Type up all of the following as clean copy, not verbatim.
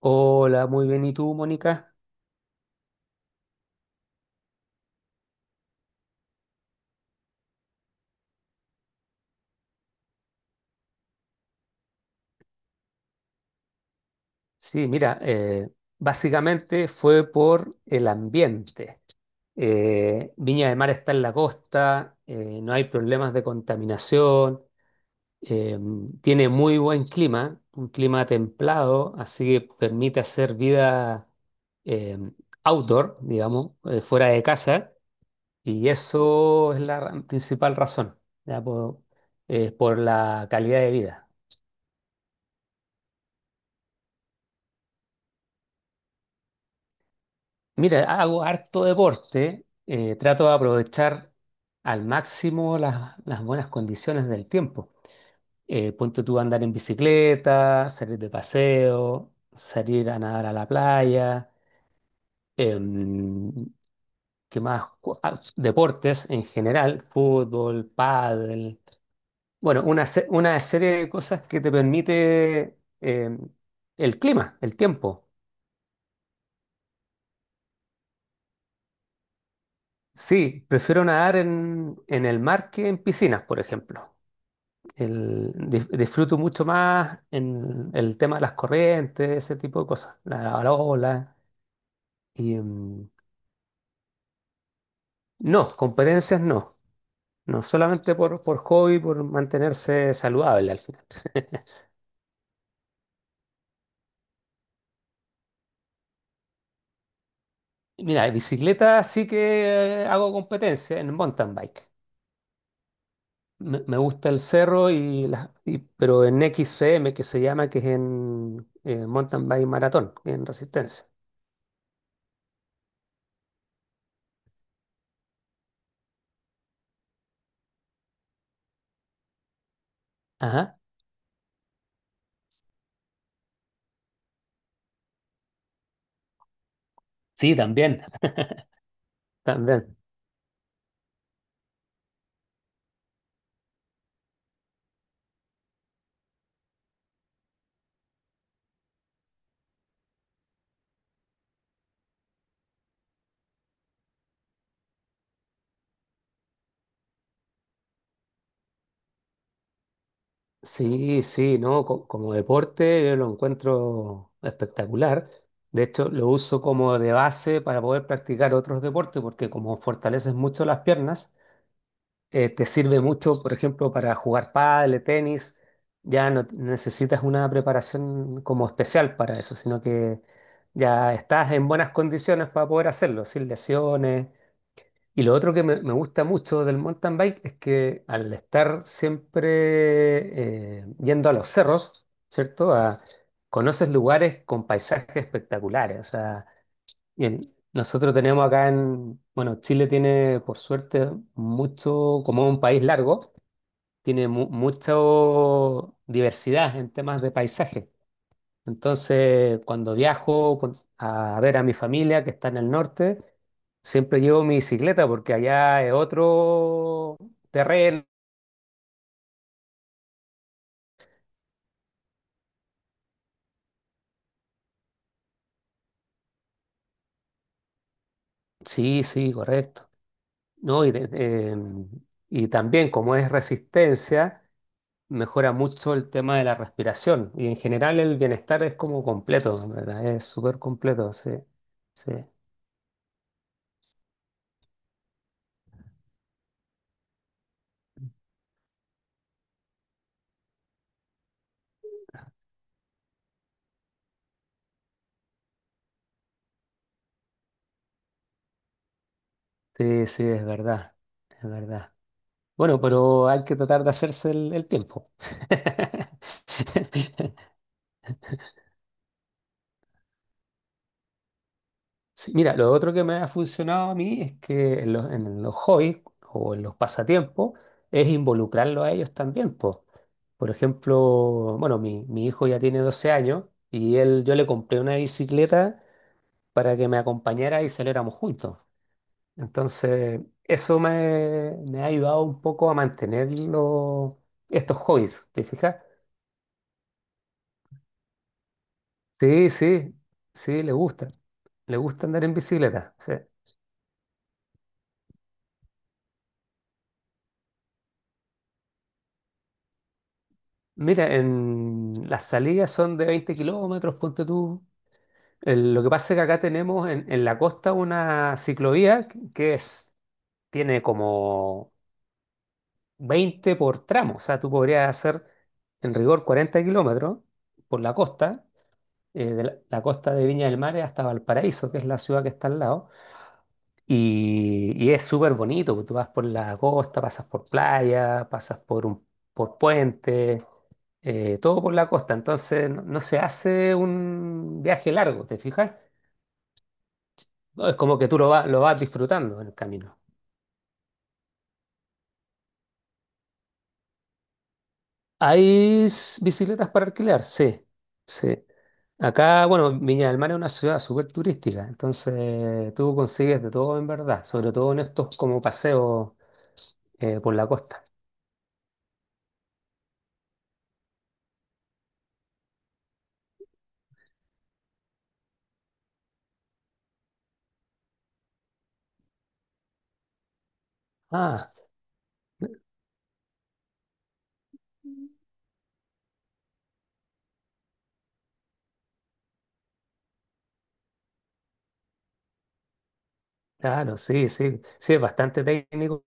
Hola, muy bien. ¿Y tú, Mónica? Sí, mira, básicamente fue por el ambiente. Viña del Mar está en la costa, no hay problemas de contaminación, eh, tiene muy buen clima, un clima templado, así que permite hacer vida eh, outdoor, digamos, fuera de casa, y eso es principal razón, ya, por la calidad de vida. Mira, hago harto deporte, trato de aprovechar al máximo las buenas condiciones del tiempo. Ponte tú a andar en bicicleta, salir de paseo, salir a nadar a la playa, em, ¿qué más? Deportes en general, fútbol, pádel. Bueno, una serie de cosas que te permite el clima, el tiempo. Sí, prefiero nadar en el mar que en piscinas, por ejemplo. Disfruto mucho más en el tema de las corrientes, ese tipo de cosas, la ola. Y, no, competencias no. No, solamente por hobby, por mantenerse saludable al final. Mira, en bicicleta sí que hago competencia en mountain bike. Me gusta el cerro, y, pero en XCM, que se llama, que es en mountain bike maratón, en resistencia. Ajá. Sí, también. También. Sí, sí, no, como deporte yo lo encuentro espectacular. De hecho, lo uso como de base para poder practicar otros deportes, porque como fortaleces mucho las piernas, te sirve mucho, por ejemplo, para jugar pádel, tenis. Ya no necesitas una preparación como especial para eso, sino que ya estás en buenas condiciones para poder hacerlo, sin lesiones. Y lo otro que me gusta mucho del mountain bike es que al estar siempre yendo a los cerros, ¿cierto? Conoces lugares con paisajes espectaculares. O sea, bien, nosotros tenemos acá en, bueno, Chile tiene por suerte mucho, como es un país largo, tiene mucha diversidad en temas de paisajes. Entonces, cuando viajo a ver a mi familia que está en el norte, siempre llevo mi bicicleta porque allá es otro terreno. Sí, sí, correcto. No, y también como es resistencia, mejora mucho el tema de la respiración. Y en general el bienestar es como completo, ¿en verdad? Es súper completo, sí. Sí, sí, sí, es verdad. Es verdad. Bueno, pero hay que tratar de hacerse el tiempo. Sí, mira, lo otro que me ha funcionado a mí es que en los hobbies o en los pasatiempos es involucrarlo a ellos también, po. Por ejemplo, bueno, mi hijo ya tiene 12 años y él, yo le compré una bicicleta para que me acompañara y saliéramos juntos. Entonces, eso me ha ayudado un poco a mantener estos hobbies, ¿te fijas? Sí, sí, sí, le gusta. Le gusta andar en bicicleta. Sí. Mira, en las salidas son de 20 kilómetros, ponte tú. Lo que pasa es que acá tenemos en la costa una ciclovía que es, tiene como 20 por tramo. O sea, tú podrías hacer en rigor 40 kilómetros por la costa, de la costa de Viña del Mar hasta Valparaíso, que es la ciudad que está al lado. Y es súper bonito, porque tú vas por la costa, pasas por playa, pasas por puente. Todo por la costa, entonces no se hace un viaje largo, ¿te fijas? No, es como que tú lo vas disfrutando en el camino. ¿Hay bicicletas para alquilar? Sí, sí. Acá, bueno, Viña del Mar es una ciudad súper turística, entonces tú consigues de todo en verdad, sobre todo en estos como paseos por la costa. Ah, claro, sí, sí, sí, es bastante técnico,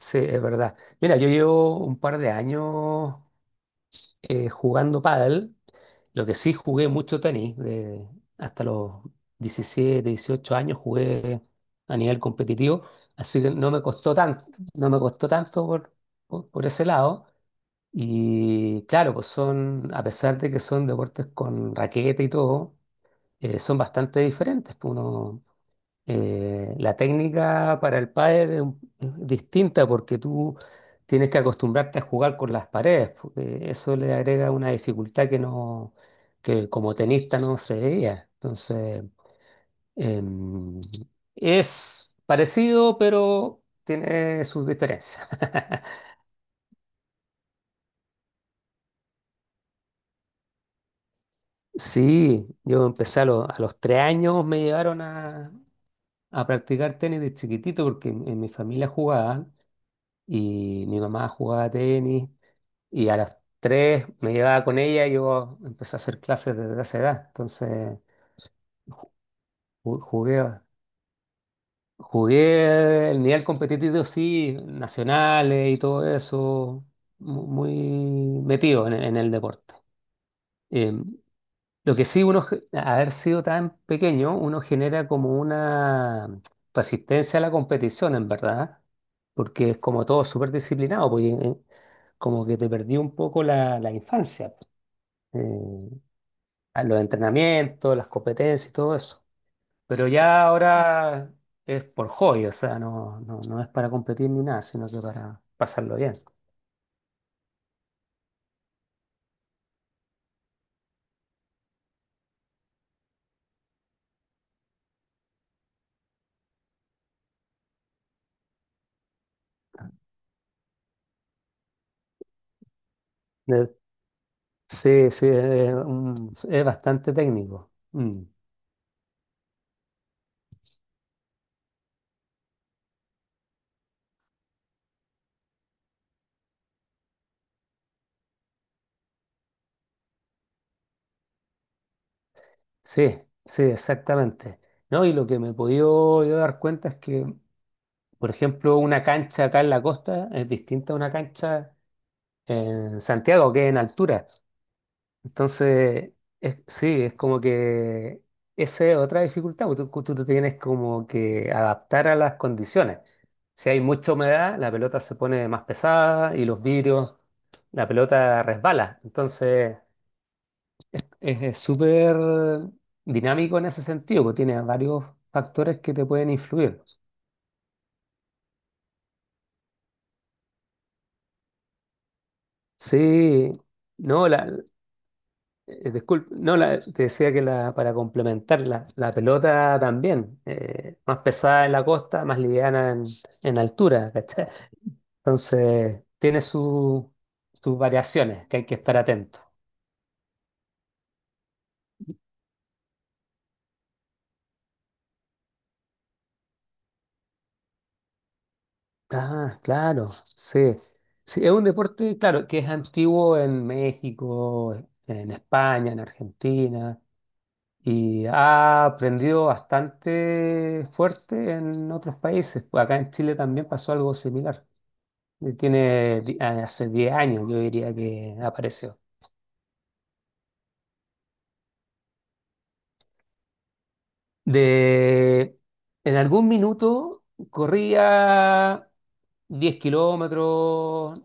sí, es verdad. Mira, yo llevo un par de años jugando pádel. Lo que sí jugué mucho tenis, hasta los 17, 18 años jugué a nivel competitivo, así que no me costó tanto, no me costó tanto por ese lado. Y claro, pues son, a pesar de que son deportes con raqueta y todo, son bastante diferentes. Pues, uno, la técnica para el pádel es distinta porque tú tienes que acostumbrarte a jugar con las paredes, porque eso le agrega una dificultad que no, que como tenista no se veía. Entonces, em, es parecido, pero tiene sus diferencias. Sí, yo empecé a los 3 años, me llevaron a practicar tenis de chiquitito porque en mi familia jugaban y mi mamá jugaba tenis. Y a las 3 me llevaba con ella y yo empecé a hacer clases desde esa edad. Entonces jugué, jugué el nivel competitivo, sí, nacionales y todo eso, muy metido en el deporte. Eh, lo que sí, uno, a haber sido tan pequeño, uno genera como una resistencia a la competición, en verdad, porque es como todo súper disciplinado, pues, como que te perdí un poco la infancia, pues. Eh, a los entrenamientos, las competencias y todo eso. Pero ya ahora es por hobby, o sea, no es para competir ni nada, sino que para pasarlo bien. Eh, Sí, sí, es, es bastante técnico. Mm. Sí, sí, exactamente. ¿No? Y lo que me he podido yo dar cuenta es que, por ejemplo, una cancha acá en la costa es distinta a una cancha en Santiago, que es en altura. Entonces, sí, es como que esa es otra dificultad, porque tú te tienes como que adaptar a las condiciones. Si hay mucha humedad, la pelota se pone más pesada y los vidrios, la pelota resbala. Entonces, es súper dinámico en ese sentido, porque tiene varios factores que te pueden influir. Sí, no, disculpe, no, te decía que la, para complementar, la pelota también, más pesada en la costa, más liviana en altura, ¿cachai? Entonces, tiene sus variaciones que hay que estar atento. Ah, claro, sí. Sí, es un deporte, claro, que es antiguo en México, en España, en Argentina, y ha aprendido bastante fuerte en otros países. Pues acá en Chile también pasó algo similar. Hace 10 años, yo diría que apareció. De, en algún minuto corría 10 kilómetros,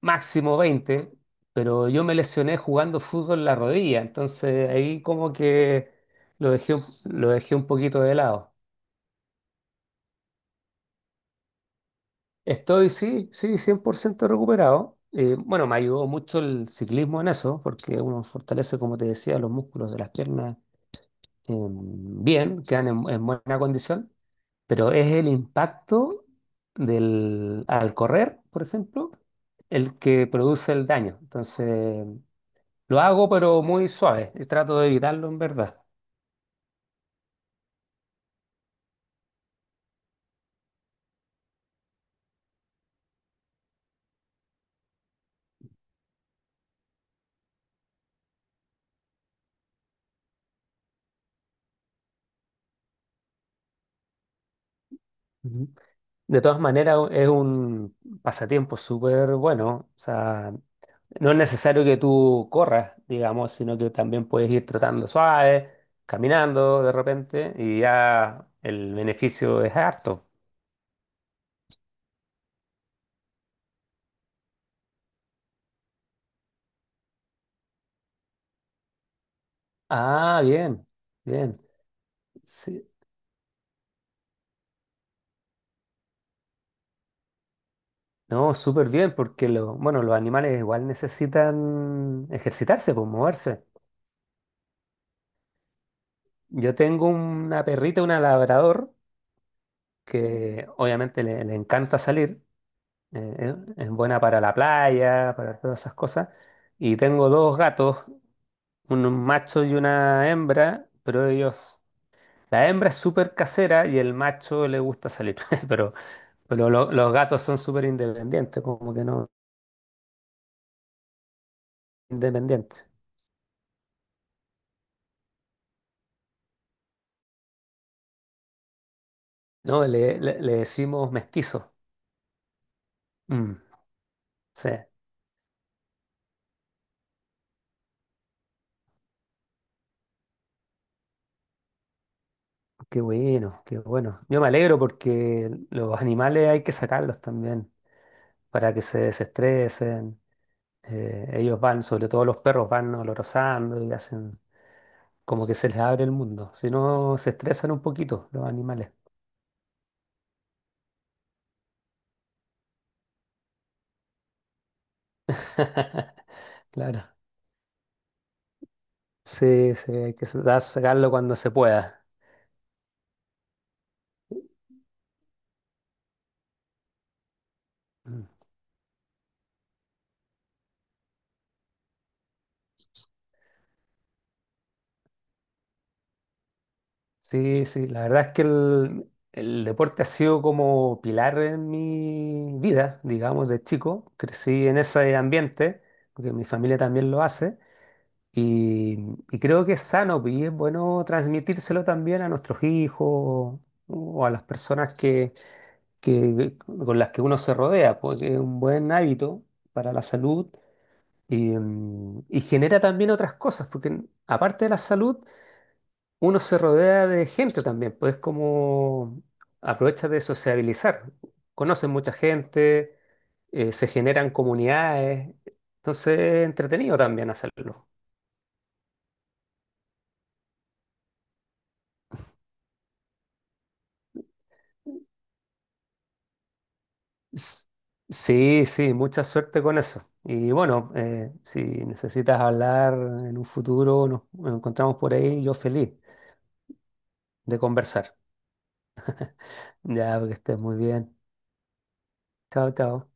máximo 20, pero yo me lesioné jugando fútbol en la rodilla, entonces ahí como que lo dejé un poquito de lado. Estoy, sí, sí, 100% recuperado. Bueno, me ayudó mucho el ciclismo en eso, porque uno fortalece, como te decía, los músculos de las piernas, bien, quedan en buena condición, pero es el impacto al correr, por ejemplo, el que produce el daño. Entonces, lo hago, pero muy suave, y trato de evitarlo en verdad. Ujú. De todas maneras, es un pasatiempo súper bueno. O sea, no es necesario que tú corras, digamos, sino que también puedes ir trotando suave, caminando de repente, y ya el beneficio es harto. Ah, bien, bien. Sí. No, súper bien, porque bueno, los animales igual necesitan ejercitarse, pues moverse. Yo tengo una perrita, una labrador, que obviamente le encanta salir, eh, es buena para la playa, para todas esas cosas. Y tengo dos gatos, un macho y una hembra, pero ellos. La hembra es súper casera y el macho le gusta salir, pero, pero los gatos son súper independientes, como que no, independientes. No, le decimos mestizo. Mm, sí, qué bueno, qué bueno. Yo me alegro porque los animales hay que sacarlos también para que se desestresen. Ellos van, sobre todo los perros, van olorosando y hacen como que se les abre el mundo. Si no, se estresan un poquito los animales. Claro. Sí, sí, hay que sacarlo cuando se pueda. Mm. Sí, sí, la verdad es que el deporte ha sido como pilar en mi vida, digamos, de chico. Crecí en ese ambiente, porque mi familia también lo hace, y, y creo que es sano pues, y es bueno transmitírselo también a nuestros hijos o a las personas que, con las que uno se rodea, porque es un buen hábito para la salud y genera también otras cosas, porque aparte de la salud uno se rodea de gente también, pues como aprovecha de sociabilizar. Conocen mucha gente, se generan comunidades, entonces es entretenido también hacerlo. S- Sí, sí, mucha suerte con eso. Y bueno, si necesitas hablar en un futuro, nos encontramos por ahí, yo feliz de conversar. Ya, que estés muy bien. Chao, chao.